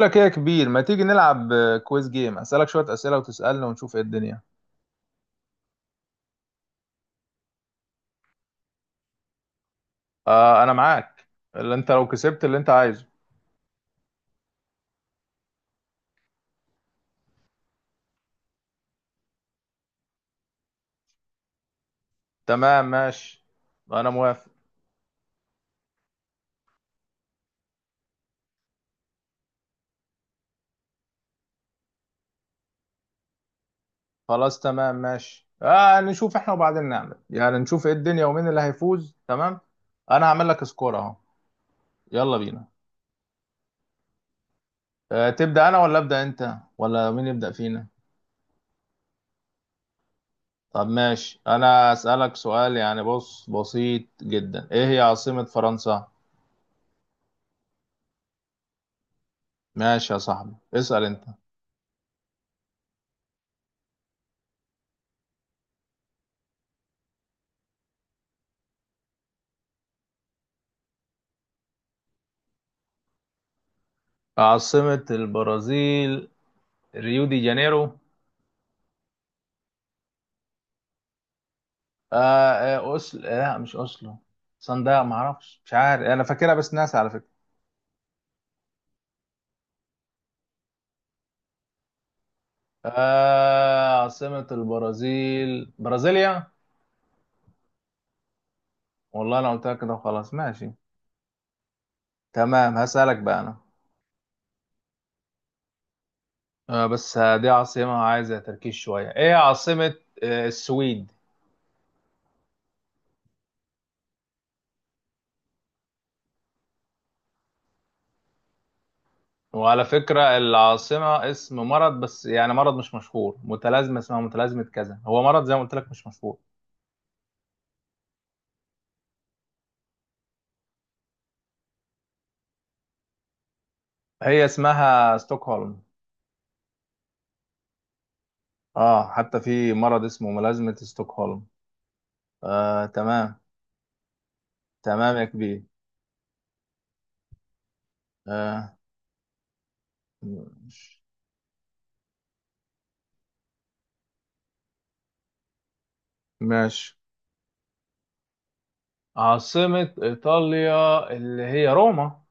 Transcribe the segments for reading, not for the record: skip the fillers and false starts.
لك ايه يا كبير؟ ما تيجي نلعب كويز جيم، اسالك شويه اسئله وتسالني ونشوف ايه الدنيا. آه، انا معاك. اللي انت لو كسبت اللي انت عايزه. تمام، ماشي، انا موافق. خلاص، تمام، ماشي. نشوف احنا وبعدين نعمل، يعني نشوف ايه الدنيا ومين اللي هيفوز. تمام. انا هعمل لك سكور اهو. يلا بينا. تبدا انا ولا ابدا انت ولا مين يبدا فينا؟ طب ماشي، انا اسالك سؤال يعني، بص، بسيط جدا. ايه هي عاصمه فرنسا؟ ماشي يا صاحبي، اسال انت. عاصمة البرازيل ريو دي جانيرو. آه أوسل آه لا، مش أوسلو. صندوق، ما أعرفش، مش عارف، أنا فاكرها بس ناسي على فكرة. آه، عاصمة البرازيل برازيليا. والله أنا قلتها كده وخلاص، ماشي. تمام، هسألك بقى أنا. بس دي عاصمة عايزة تركيز شوية. إيه عاصمة السويد؟ وعلى فكرة العاصمة اسم مرض، بس يعني مرض مش مشهور، متلازمة اسمها متلازمة كذا، هو مرض زي ما قلت لك مش مشهور. هي اسمها ستوكهولم. اه، حتى في مرض اسمه ملازمة ستوكهولم. آه، تمام. تمام يا كبير. آه، ماشي ماشي. عاصمة إيطاليا اللي هي روما.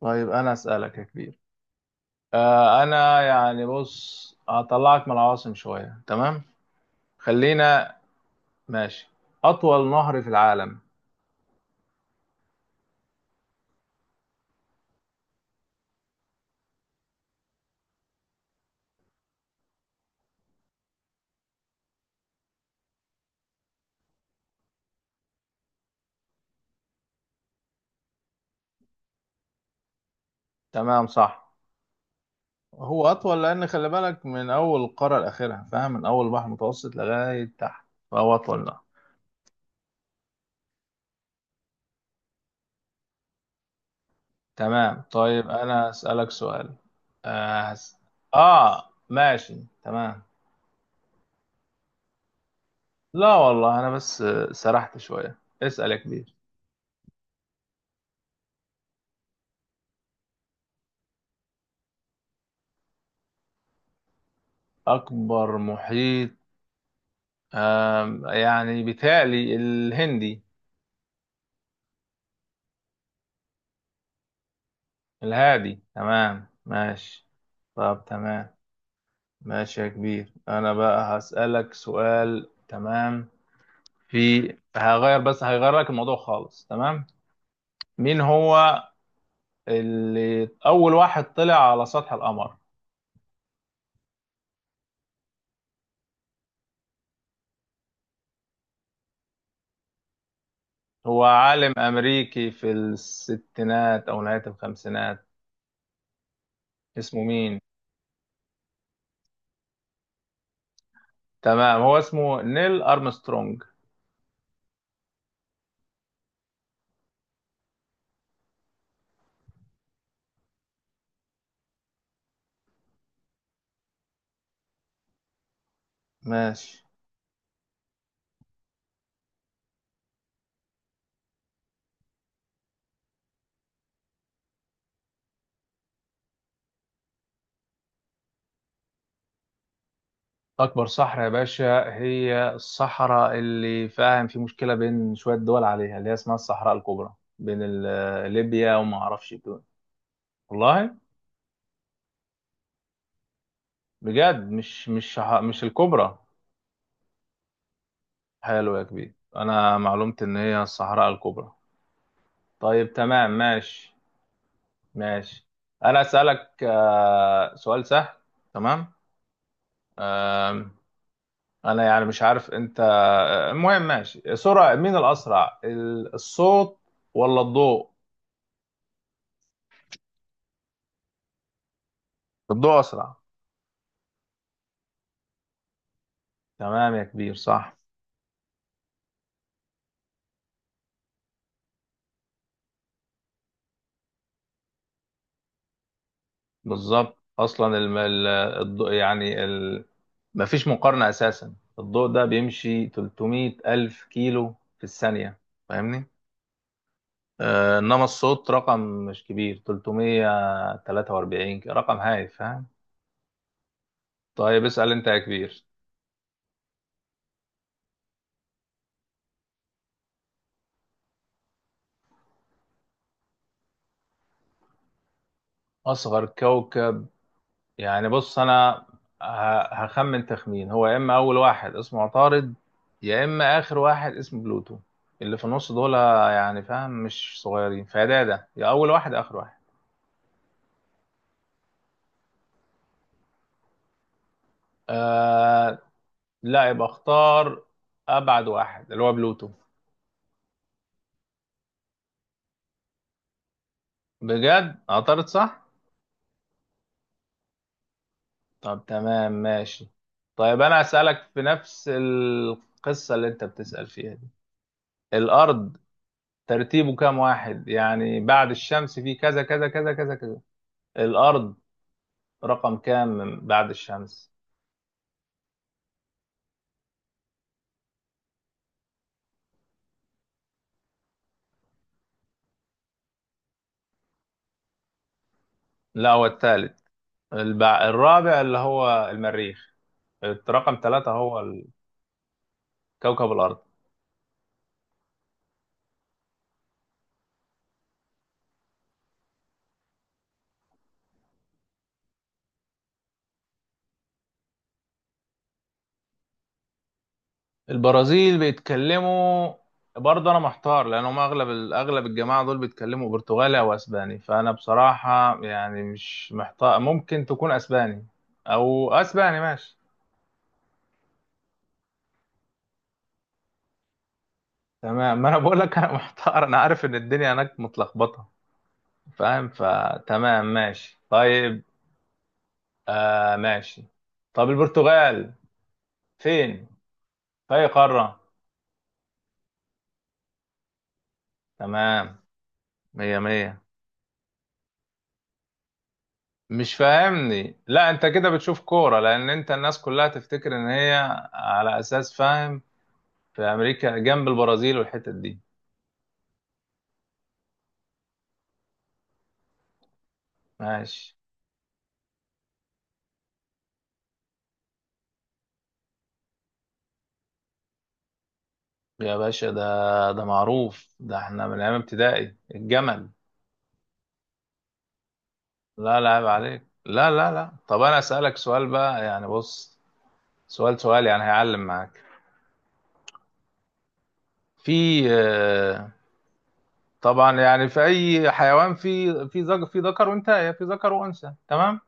طيب، أنا أسألك يا كبير. أنا يعني بص، هطلعك من العواصم شوية، تمام. خلينا، ماشي. أطول نهر في العالم؟ تمام، صح. هو أطول لأن خلي بالك، من أول القارة لآخرها، فاهم، من أول بحر متوسط لغاية تحت. فهو أطول نهر. تمام، طيب انا هسألك سؤال. اه, هس... آه، ماشي، تمام. لا والله، انا بس سرحت شوية. اسأل يا كبير. اكبر محيط. يعني بيتهيألي الهندي. الهادي، تمام، ماشي. طب تمام. ماشي يا كبير، انا بقى هسألك سؤال، تمام. في هغير، بس هغير لك الموضوع خالص، تمام. مين هو اللي اول واحد طلع على سطح القمر؟ هو عالم أمريكي في الستينات أو نهاية الخمسينات. اسمه مين؟ تمام، هو اسمه نيل أرمسترونج. ماشي. أكبر صحراء يا باشا هي الصحراء اللي، فاهم، في مشكلة بين شوية دول عليها، اللي هي اسمها الصحراء الكبرى، بين ليبيا وما أعرفش دول. والله، بجد، مش الكبرى. حلو يا كبير، أنا معلومتي إن هي الصحراء الكبرى. طيب، تمام، ماشي. ماشي، انا اسالك سؤال سهل، تمام. آم، انا يعني مش عارف انت، المهم، ماشي، سرعه مين الاسرع، الصوت ولا الضوء؟ الضوء اسرع. تمام يا كبير، صح. بالظبط، اصلا الضوء يعني، مفيش مقارنه اساسا، الضوء ده بيمشي 300 الف كيلو في الثانيه، فاهمني. انما الصوت رقم مش كبير، 343، رقم هايف. طيب، اسأل انت يا كبير. اصغر كوكب. يعني بص انا هخمن تخمين. هو يا اما اول واحد اسمه عطارد، يا اما اخر واحد اسمه بلوتو. اللي في النص دول يعني، فاهم، مش صغيرين. فده ده، يا اول واحد يا اخر واحد. آه لا، يبقى اختار ابعد واحد اللي هو بلوتو. بجد، عطارد صح. طب تمام، ماشي. طيب انا اسالك في نفس القصة اللي انت بتسأل فيها دي. الارض ترتيبه كام واحد، يعني بعد الشمس في كذا كذا كذا كذا كذا. الأرض رقم كام من بعد الشمس؟ لا، هو الثالث. الرابع اللي هو المريخ. رقم ثلاثة هو كوكب الأرض. البرازيل بيتكلموا، برضه أنا محتار لأن هم أغلب أغلب الجماعة دول بيتكلموا برتغالي أو أسباني، فأنا بصراحة يعني مش محتار، ممكن تكون أسباني أو أسباني، ماشي. تمام، ما أنا بقول لك أنا محتار، أنا عارف إن الدنيا هناك متلخبطة، فاهم، فتمام، ماشي، طيب. آه، ماشي. طب البرتغال فين، في أي قارة؟ تمام، مية مية. مش فاهمني؟ لا، انت كده بتشوف كورة، لان انت الناس كلها تفتكر ان هي، على اساس، فاهم، في امريكا جنب البرازيل والحتت دي. ماشي. يا باشا، ده معروف، ده احنا من ايام ابتدائي، الجمل. لا لا، عيب عليك، لا لا لا. طب انا اسألك سؤال بقى يعني، بص، سؤال سؤال يعني هيعلم معاك. في آه، طبعا يعني في اي حيوان في ذكر، في ذكر وانثى، في ذكر وانثى، تمام.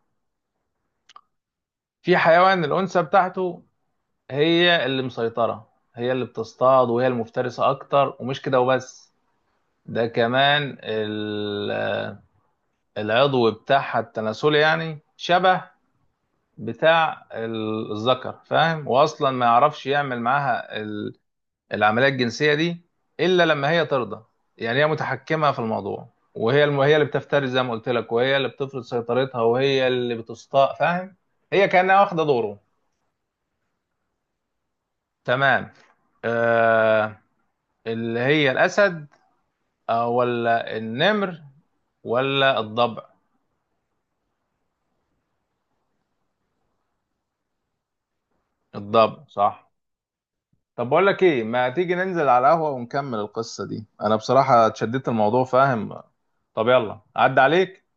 في حيوان الانثى بتاعته هي اللي مسيطره، هي اللي بتصطاد وهي المفترسه اكتر، ومش كده وبس، ده كمان العضو بتاعها التناسلي يعني شبه بتاع الذكر، فاهم، واصلا ما يعرفش يعمل معاها العمليه الجنسيه دي الا لما هي ترضى. يعني هي متحكمه في الموضوع، وهي هي اللي بتفترس زي ما قلت لك، وهي اللي بتفرض سيطرتها، وهي اللي بتستاء، فاهم، هي كانها واخده دوره. تمام. آه... اللي هي الاسد ولا النمر ولا الضبع؟ الضبع صح. طب بقول لك ايه، ما تيجي ننزل على القهوه ونكمل القصه دي، انا بصراحه اتشددت الموضوع، فاهم. طب يلا، عدى عليك.